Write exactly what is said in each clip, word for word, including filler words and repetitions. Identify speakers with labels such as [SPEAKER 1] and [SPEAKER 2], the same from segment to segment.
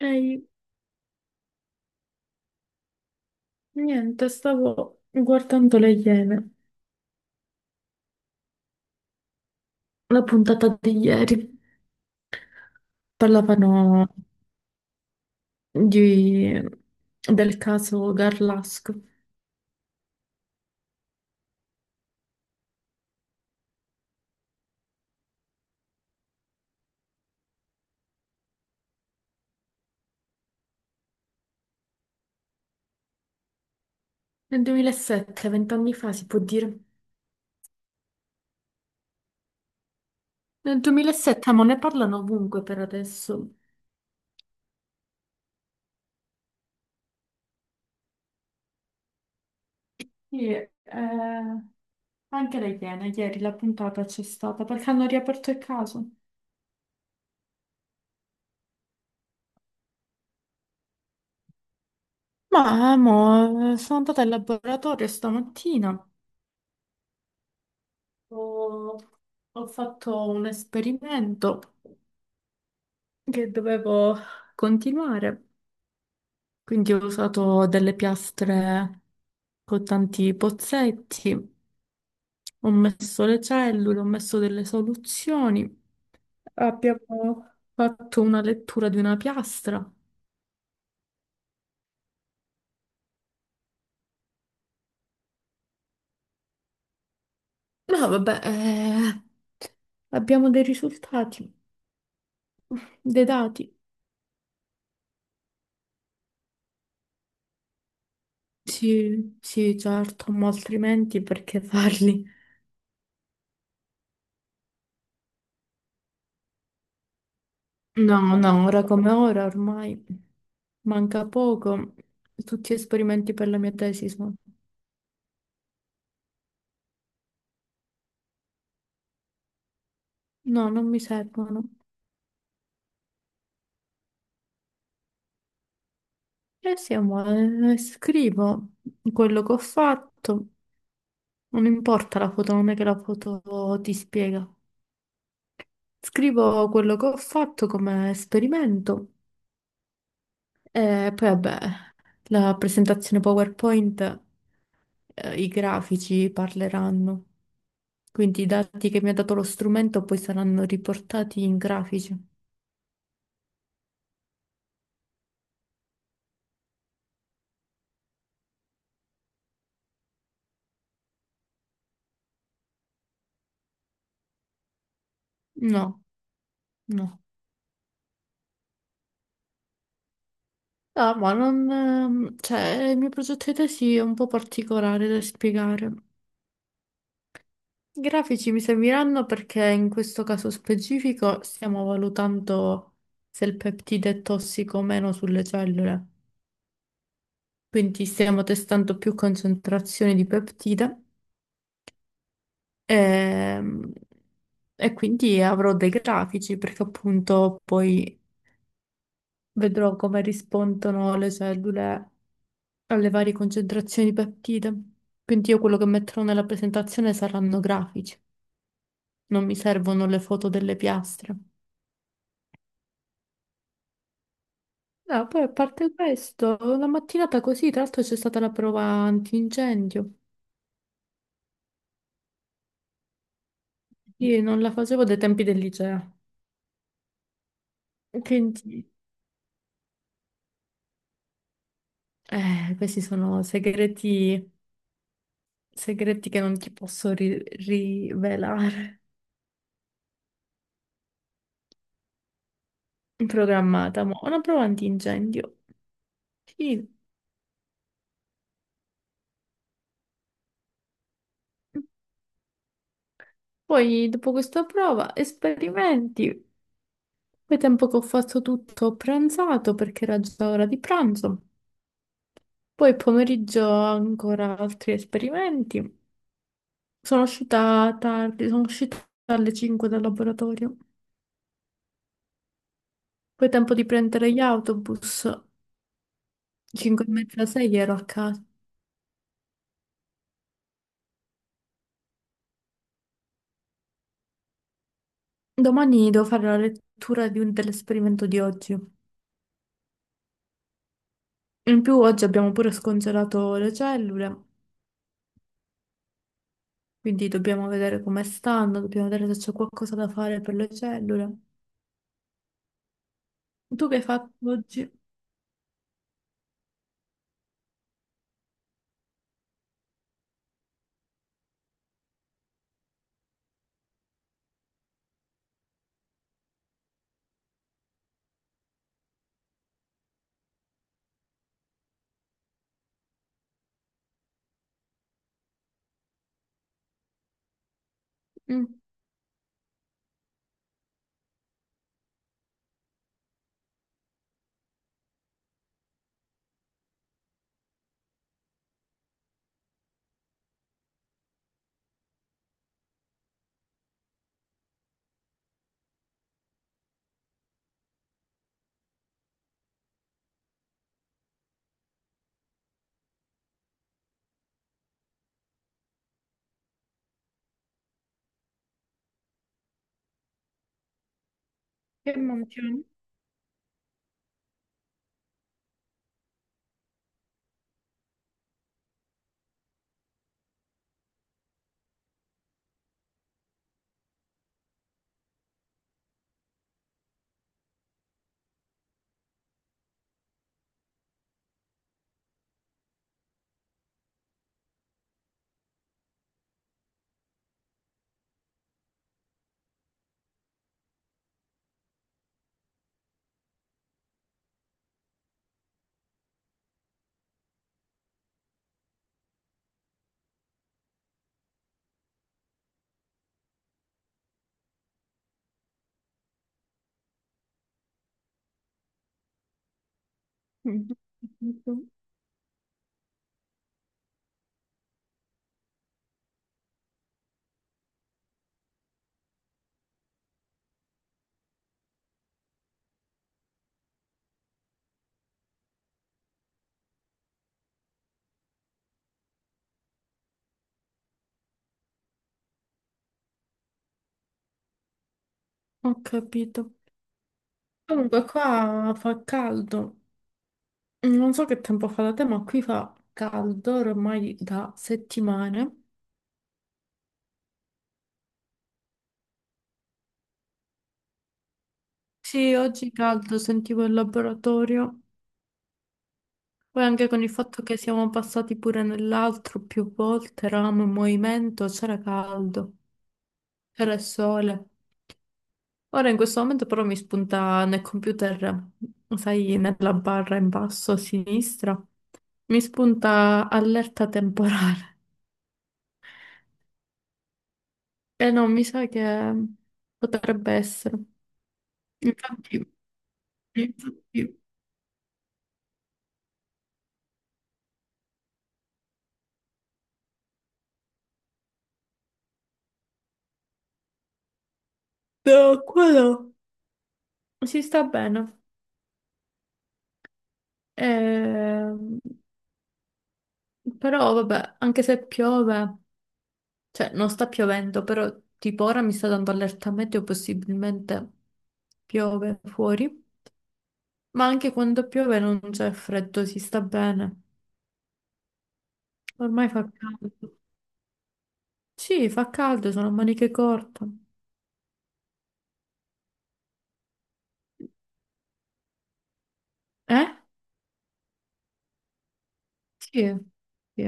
[SPEAKER 1] Ehi, niente, stavo guardando le Iene, la puntata di ieri. Parlavano di- del caso Garlasco. Nel duemilasette, vent'anni fa si può dire. Nel duemilasette, ma ne parlano ovunque per adesso. Sì, eh, anche le Iene, ieri la puntata c'è stata perché hanno riaperto il caso. Ma, mo, sono andata al laboratorio stamattina. Ho, ho fatto un esperimento. che dovevo continuare. Quindi ho usato delle piastre con tanti pozzetti, ho messo le cellule, ho messo delle soluzioni. Abbiamo fatto una lettura di una piastra. No, vabbè, eh, abbiamo dei risultati, dei dati. Sì, sì, certo, ma altrimenti perché farli? No, no, ora come ora ormai manca poco. Tutti esperimenti per la mia tesi sono... No, non mi servono. E siamo, eh, scrivo quello che ho fatto. Non importa la foto, non è che la foto ti spiega. Scrivo quello che ho fatto come esperimento e poi vabbè, la presentazione PowerPoint, eh, i grafici parleranno. Quindi i dati che mi ha dato lo strumento poi saranno riportati in grafici. No, no. No, ma non, ehm, Cioè, il mio progetto di tesi è un po' particolare da spiegare. I grafici mi serviranno perché in questo caso specifico stiamo valutando se il peptide è tossico o meno sulle cellule. Quindi stiamo testando più concentrazioni di peptide ehm, e quindi avrò dei grafici perché appunto poi vedrò come rispondono le cellule alle varie concentrazioni di peptide. Quindi io quello che metterò nella presentazione saranno grafici, non mi servono le foto delle piastre. No, poi a parte questo, la mattinata così, tra l'altro c'è stata la prova antincendio. Io non la facevo dai tempi del liceo. Quindi, eh, questi sono segreti, segreti che non ti posso ri- rivelare. Programmata, ma una prova antincendio. Sì. Poi, dopo questa prova, esperimenti. Poi tempo che ho fatto tutto ho pranzato perché era già ora di pranzo. Poi pomeriggio ancora altri esperimenti. Sono uscita tardi, sono uscita alle cinque dal laboratorio. Poi tempo di prendere gli autobus. cinque e mezza, sei ero a casa. Domani devo fare la lettura di un- dell'esperimento di oggi. In più oggi abbiamo pure scongelato le cellule, quindi dobbiamo vedere come stanno, dobbiamo vedere se c'è qualcosa da fare per le cellule. Tu che hai fatto oggi? Mm. Che mantieni? Mm, ho capito. Comunque qua fa caldo. Non so che tempo fa da te, ma qui fa caldo ormai da settimane. Sì, oggi caldo, sentivo il laboratorio. Poi anche con il fatto che siamo passati pure nell'altro più volte, eravamo in movimento, c'era caldo, c'era il sole. Ora in questo momento però mi spunta nel computer, sai, nella barra in basso a sinistra, mi spunta allerta temporale. E no, mi sa che potrebbe essere. Infatti, infatti. No, quello si sta bene. Ehm, Però vabbè, anche se piove, cioè non sta piovendo, però tipo ora mi sta dando allerta meteo, possibilmente piove fuori. Ma anche quando piove non c'è freddo, si sta bene. Ormai fa caldo. Sì, fa caldo, sono a maniche corte. Eh? Sì, sì.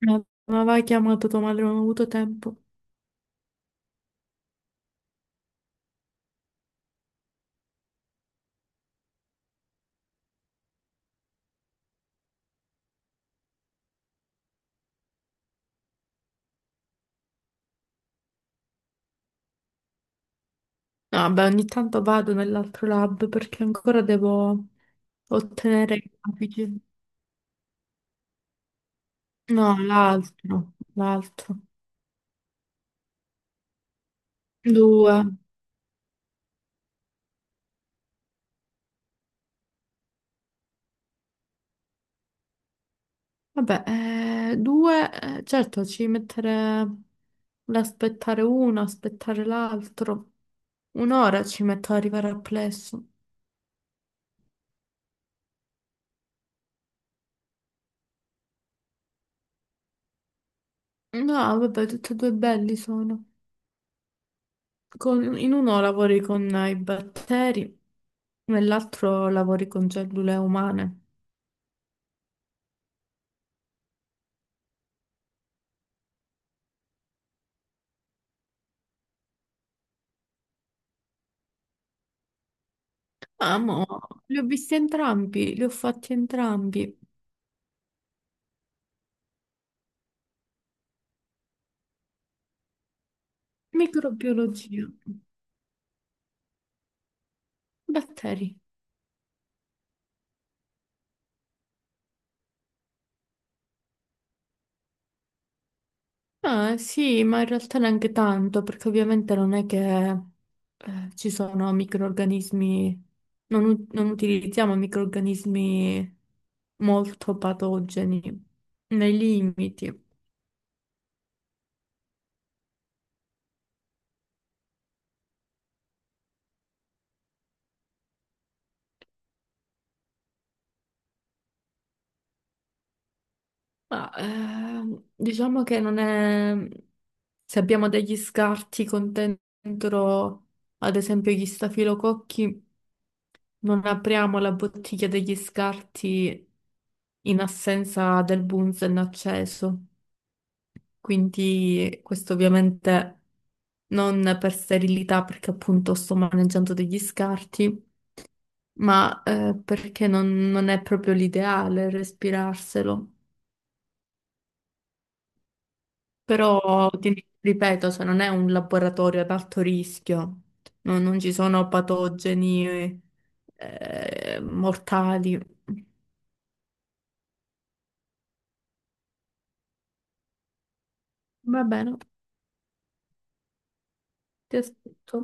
[SPEAKER 1] Ma ma aveva chiamato tua madre, non ho avuto tempo. No, vabbè, ogni tanto vado nell'altro lab perché ancora devo ottenere i grafici. No, l'altro, l'altro. Due. Vabbè, eh, due, eh, certo, ci mettere l'aspettare uno, aspettare l'altro. Un'ora ci metto ad arrivare al plesso. No, vabbè, tutti e due belli sono. Con- in uno lavori con eh, i batteri, nell'altro lavori con cellule umane. Amo, li ho visti entrambi, li ho fatti entrambi. Microbiologia, batteri. Ah, sì, ma in realtà neanche tanto, perché ovviamente non è che eh, ci sono microrganismi, non, u- non utilizziamo microrganismi molto patogeni, nei limiti. Ma ehm, diciamo che non è... Se abbiamo degli scarti con dentro, ad esempio, gli stafilococchi, non apriamo la bottiglia degli scarti in assenza del bunzen acceso. Quindi questo ovviamente non per sterilità, perché appunto sto maneggiando degli scarti, ma eh, perché non, non è proprio l'ideale respirarselo. Però ti ripeto, cioè, non è un laboratorio ad alto rischio, no- non ci sono patogeni eh, mortali. Va bene, ti aspetto.